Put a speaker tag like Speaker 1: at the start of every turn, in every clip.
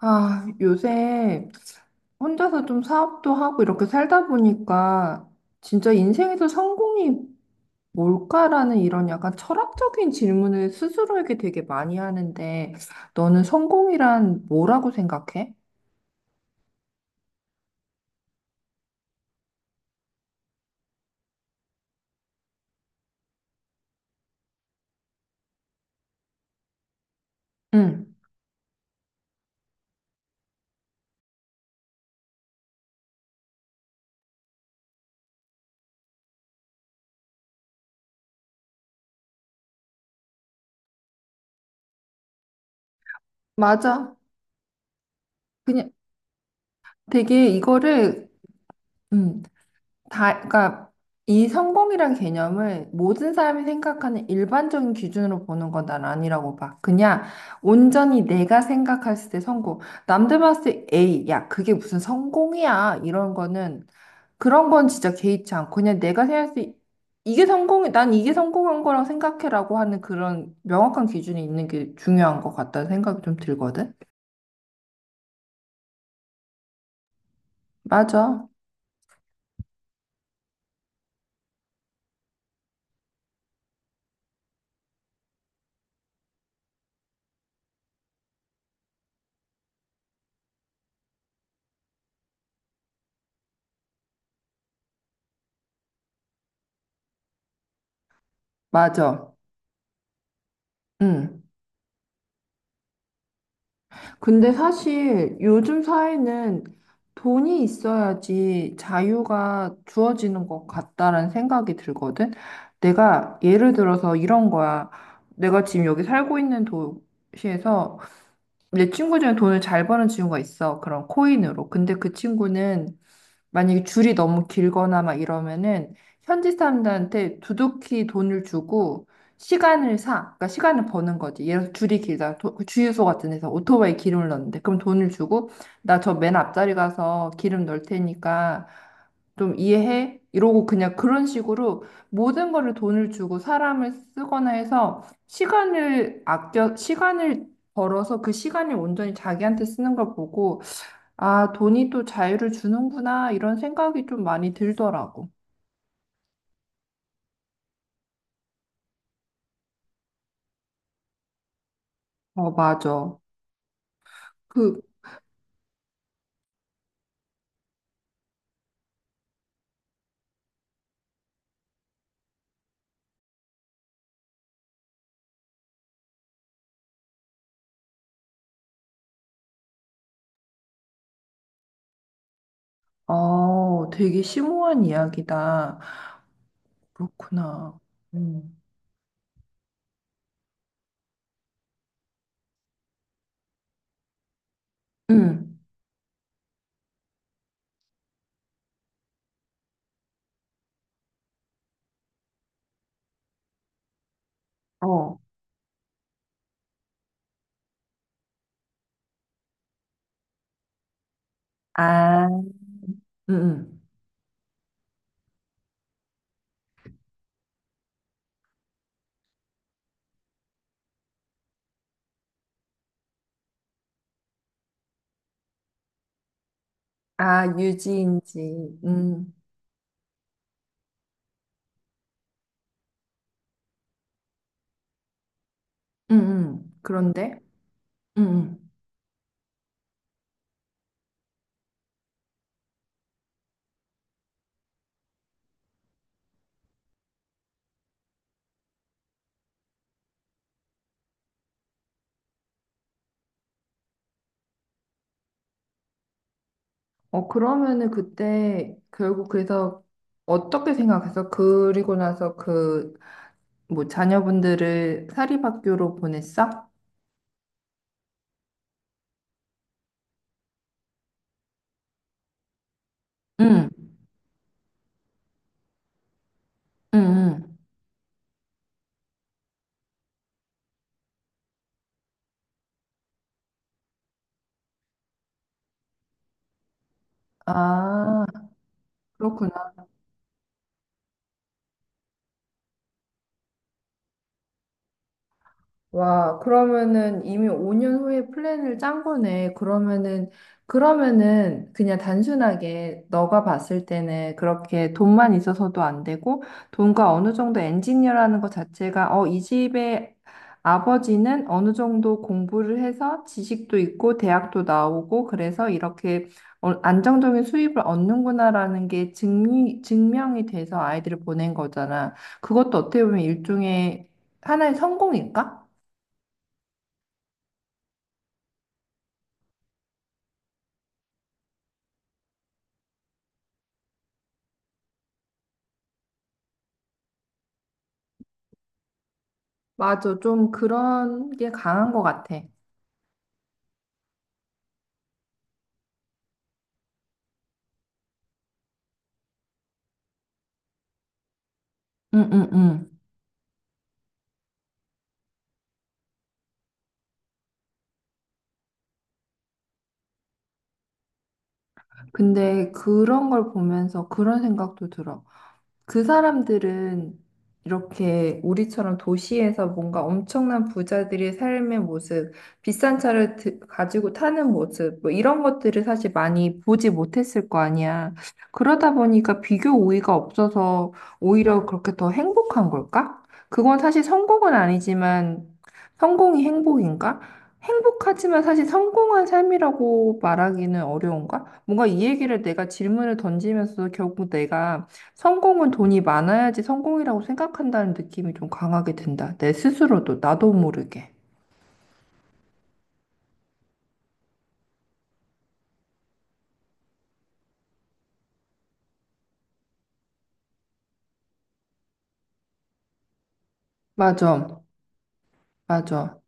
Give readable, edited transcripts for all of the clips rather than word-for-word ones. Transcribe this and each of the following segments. Speaker 1: 아, 요새 혼자서 좀 사업도 하고 이렇게 살다 보니까 진짜 인생에서 성공이 뭘까라는 이런 약간 철학적인 질문을 스스로에게 되게 많이 하는데 너는 성공이란 뭐라고 생각해? 응, 맞아. 그냥 되게 이거를 음, 다, 그러니까 이 성공이란 개념을 모든 사람이 생각하는 일반적인 기준으로 보는 건 난 아니라고 봐. 그냥 온전히 내가 생각했을 때 성공. 남들 봤을 때 에이, 야, 그게 무슨 성공이야. 이런 거는 그런 건 진짜 개의치 않고 그냥 내가 생각했을 때 이게 성공이, 난 이게 성공한 거라고 생각해라고 하는 그런 명확한 기준이 있는 게 중요한 것 같다는 생각이 좀 들거든. 맞아. 맞아. 응. 근데 사실 요즘 사회는 돈이 있어야지 자유가 주어지는 것 같다라는 생각이 들거든. 내가 예를 들어서 이런 거야. 내가 지금 여기 살고 있는 도시에서 내 친구 중에 돈을 잘 버는 친구가 있어. 그런 코인으로. 근데 그 친구는 만약에 줄이 너무 길거나 막 이러면은 현지 사람들한테 두둑히 돈을 주고 시간을 사. 그러니까 시간을 버는 거지. 예를 들어 줄이 길다. 그 주유소 같은 데서 오토바이 기름을 넣는데 그럼 돈을 주고 나 저 맨 앞자리 가서 기름 넣을 테니까 좀 이해해? 이러고 그냥 그런 식으로 모든 거를 돈을 주고 사람을 쓰거나 해서 시간을 아껴, 시간을 벌어서 그 시간을 온전히 자기한테 쓰는 걸 보고, 아, 돈이 또 자유를 주는구나, 이런 생각이 좀 많이 들더라고. 어, 맞아. 그, 어, 되게 심오한 이야기다. 그렇구나. 음. 음. 어. 아, 음. 아, 유지인지. 음. 음. 음. 그런데? 음. 음. 어, 그러면은 그때 결국 그래서 어떻게 생각했어? 그리고 나서 그 뭐 자녀분들을 사립학교로 보냈어? 응, 응, 응. 아, 와, 그러면은 이미 5년 후에 플랜을 짠 거네. 그러면은, 그러면은 그냥 단순하게 너가 봤을 때는 그렇게 돈만 있어서도 안 되고, 돈과 어느 정도 엔지니어라는 것 자체가, 어, 이 집의 아버지는 어느 정도 공부를 해서 지식도 있고, 대학도 나오고, 그래서 이렇게 어, 안정적인 수입을 얻는구나라는 게 증, 증명이 돼서 아이들을 보낸 거잖아. 그것도 어떻게 보면 일종의 하나의 성공일까? 맞아. 좀 그런 게 강한 것 같아. 응, 응, 응. 근데 그런 걸 보면서 그런 생각도 들어. 그 사람들은 이렇게 우리처럼 도시에서 뭔가 엄청난 부자들의 삶의 모습, 비싼 차를 가지고 타는 모습, 뭐 이런 것들을 사실 많이 보지 못했을 거 아니야. 그러다 보니까 비교 우위가 없어서 오히려 그렇게 더 행복한 걸까? 그건 사실 성공은 아니지만 성공이 행복인가? 행복하지만 사실 성공한 삶이라고 말하기는 어려운가? 뭔가 이 얘기를 내가 질문을 던지면서 결국 내가 성공은 돈이 많아야지 성공이라고 생각한다는 느낌이 좀 강하게 든다. 내 스스로도 나도 모르게. 맞아. 맞아.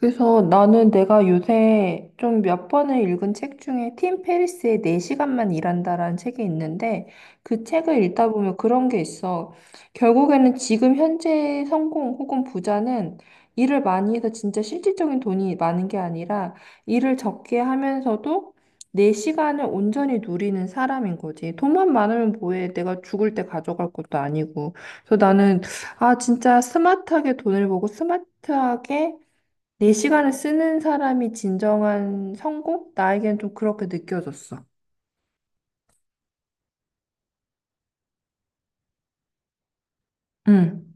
Speaker 1: 그래서 나는 내가 요새 좀 몇 번을 읽은 책 중에 팀 페리스의 4시간만 일한다라는 책이 있는데 그 책을 읽다 보면 그런 게 있어. 결국에는 지금 현재의 성공 혹은 부자는 일을 많이 해서 진짜 실질적인 돈이 많은 게 아니라 일을 적게 하면서도 내 시간을 온전히 누리는 사람인 거지. 돈만 많으면 뭐해. 내가 죽을 때 가져갈 것도 아니고. 그래서 나는 아, 진짜 스마트하게 돈을 보고 스마트하게 내 시간을 쓰는 사람이 진정한 성공? 나에겐 좀 그렇게 느껴졌어. 응.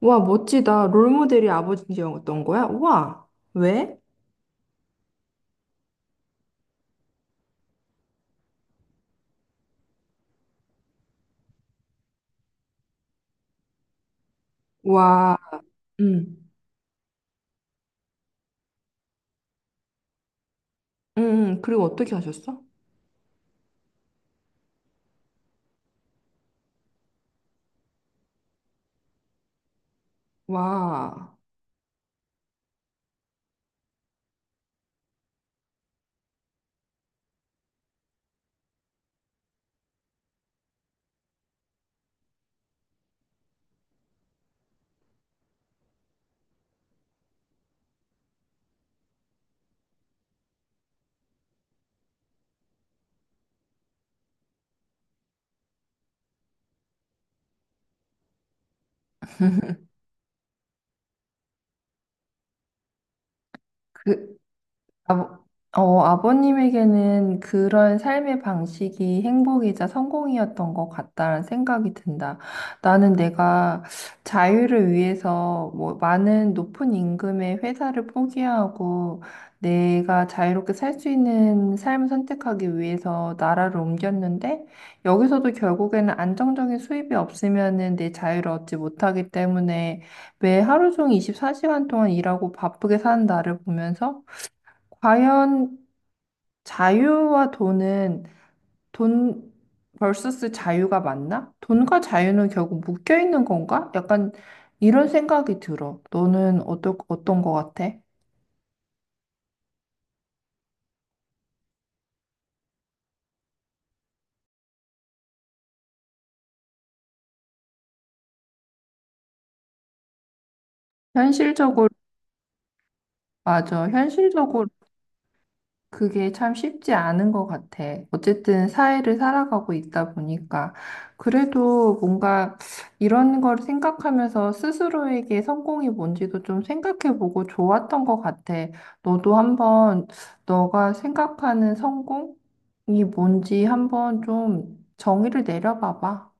Speaker 1: 와, 멋지다. 롤모델이 아버지였던 거야? 와, 왜? 와, 응. 그리고 어떻게 하셨어? 와, 그, 아버, 어, 아버님에게는 그런 삶의 방식이 행복이자 성공이었던 것 같다라는 생각이 든다. 나는 내가 자유를 위해서 뭐 많은 높은 임금의 회사를 포기하고 내가 자유롭게 살 수 있는 삶을 선택하기 위해서 나라를 옮겼는데 여기서도 결국에는 안정적인 수입이 없으면은 내 자유를 얻지 못하기 때문에 매 하루 종일 24시간 동안 일하고 바쁘게 사는 나를 보면서 과연 자유와 돈은 돈 vs 자유가 맞나? 돈과 자유는 결국 묶여 있는 건가? 약간 이런 생각이 들어. 너는 어떠, 어떤 거 같아? 현실적으로, 맞아. 현실적으로 그게 참 쉽지 않은 것 같아. 어쨌든 사회를 살아가고 있다 보니까. 그래도 뭔가 이런 걸 생각하면서 스스로에게 성공이 뭔지도 좀 생각해보고 좋았던 것 같아. 너도 한번 너가 생각하는 성공이 뭔지 한번 좀 정의를 내려봐봐.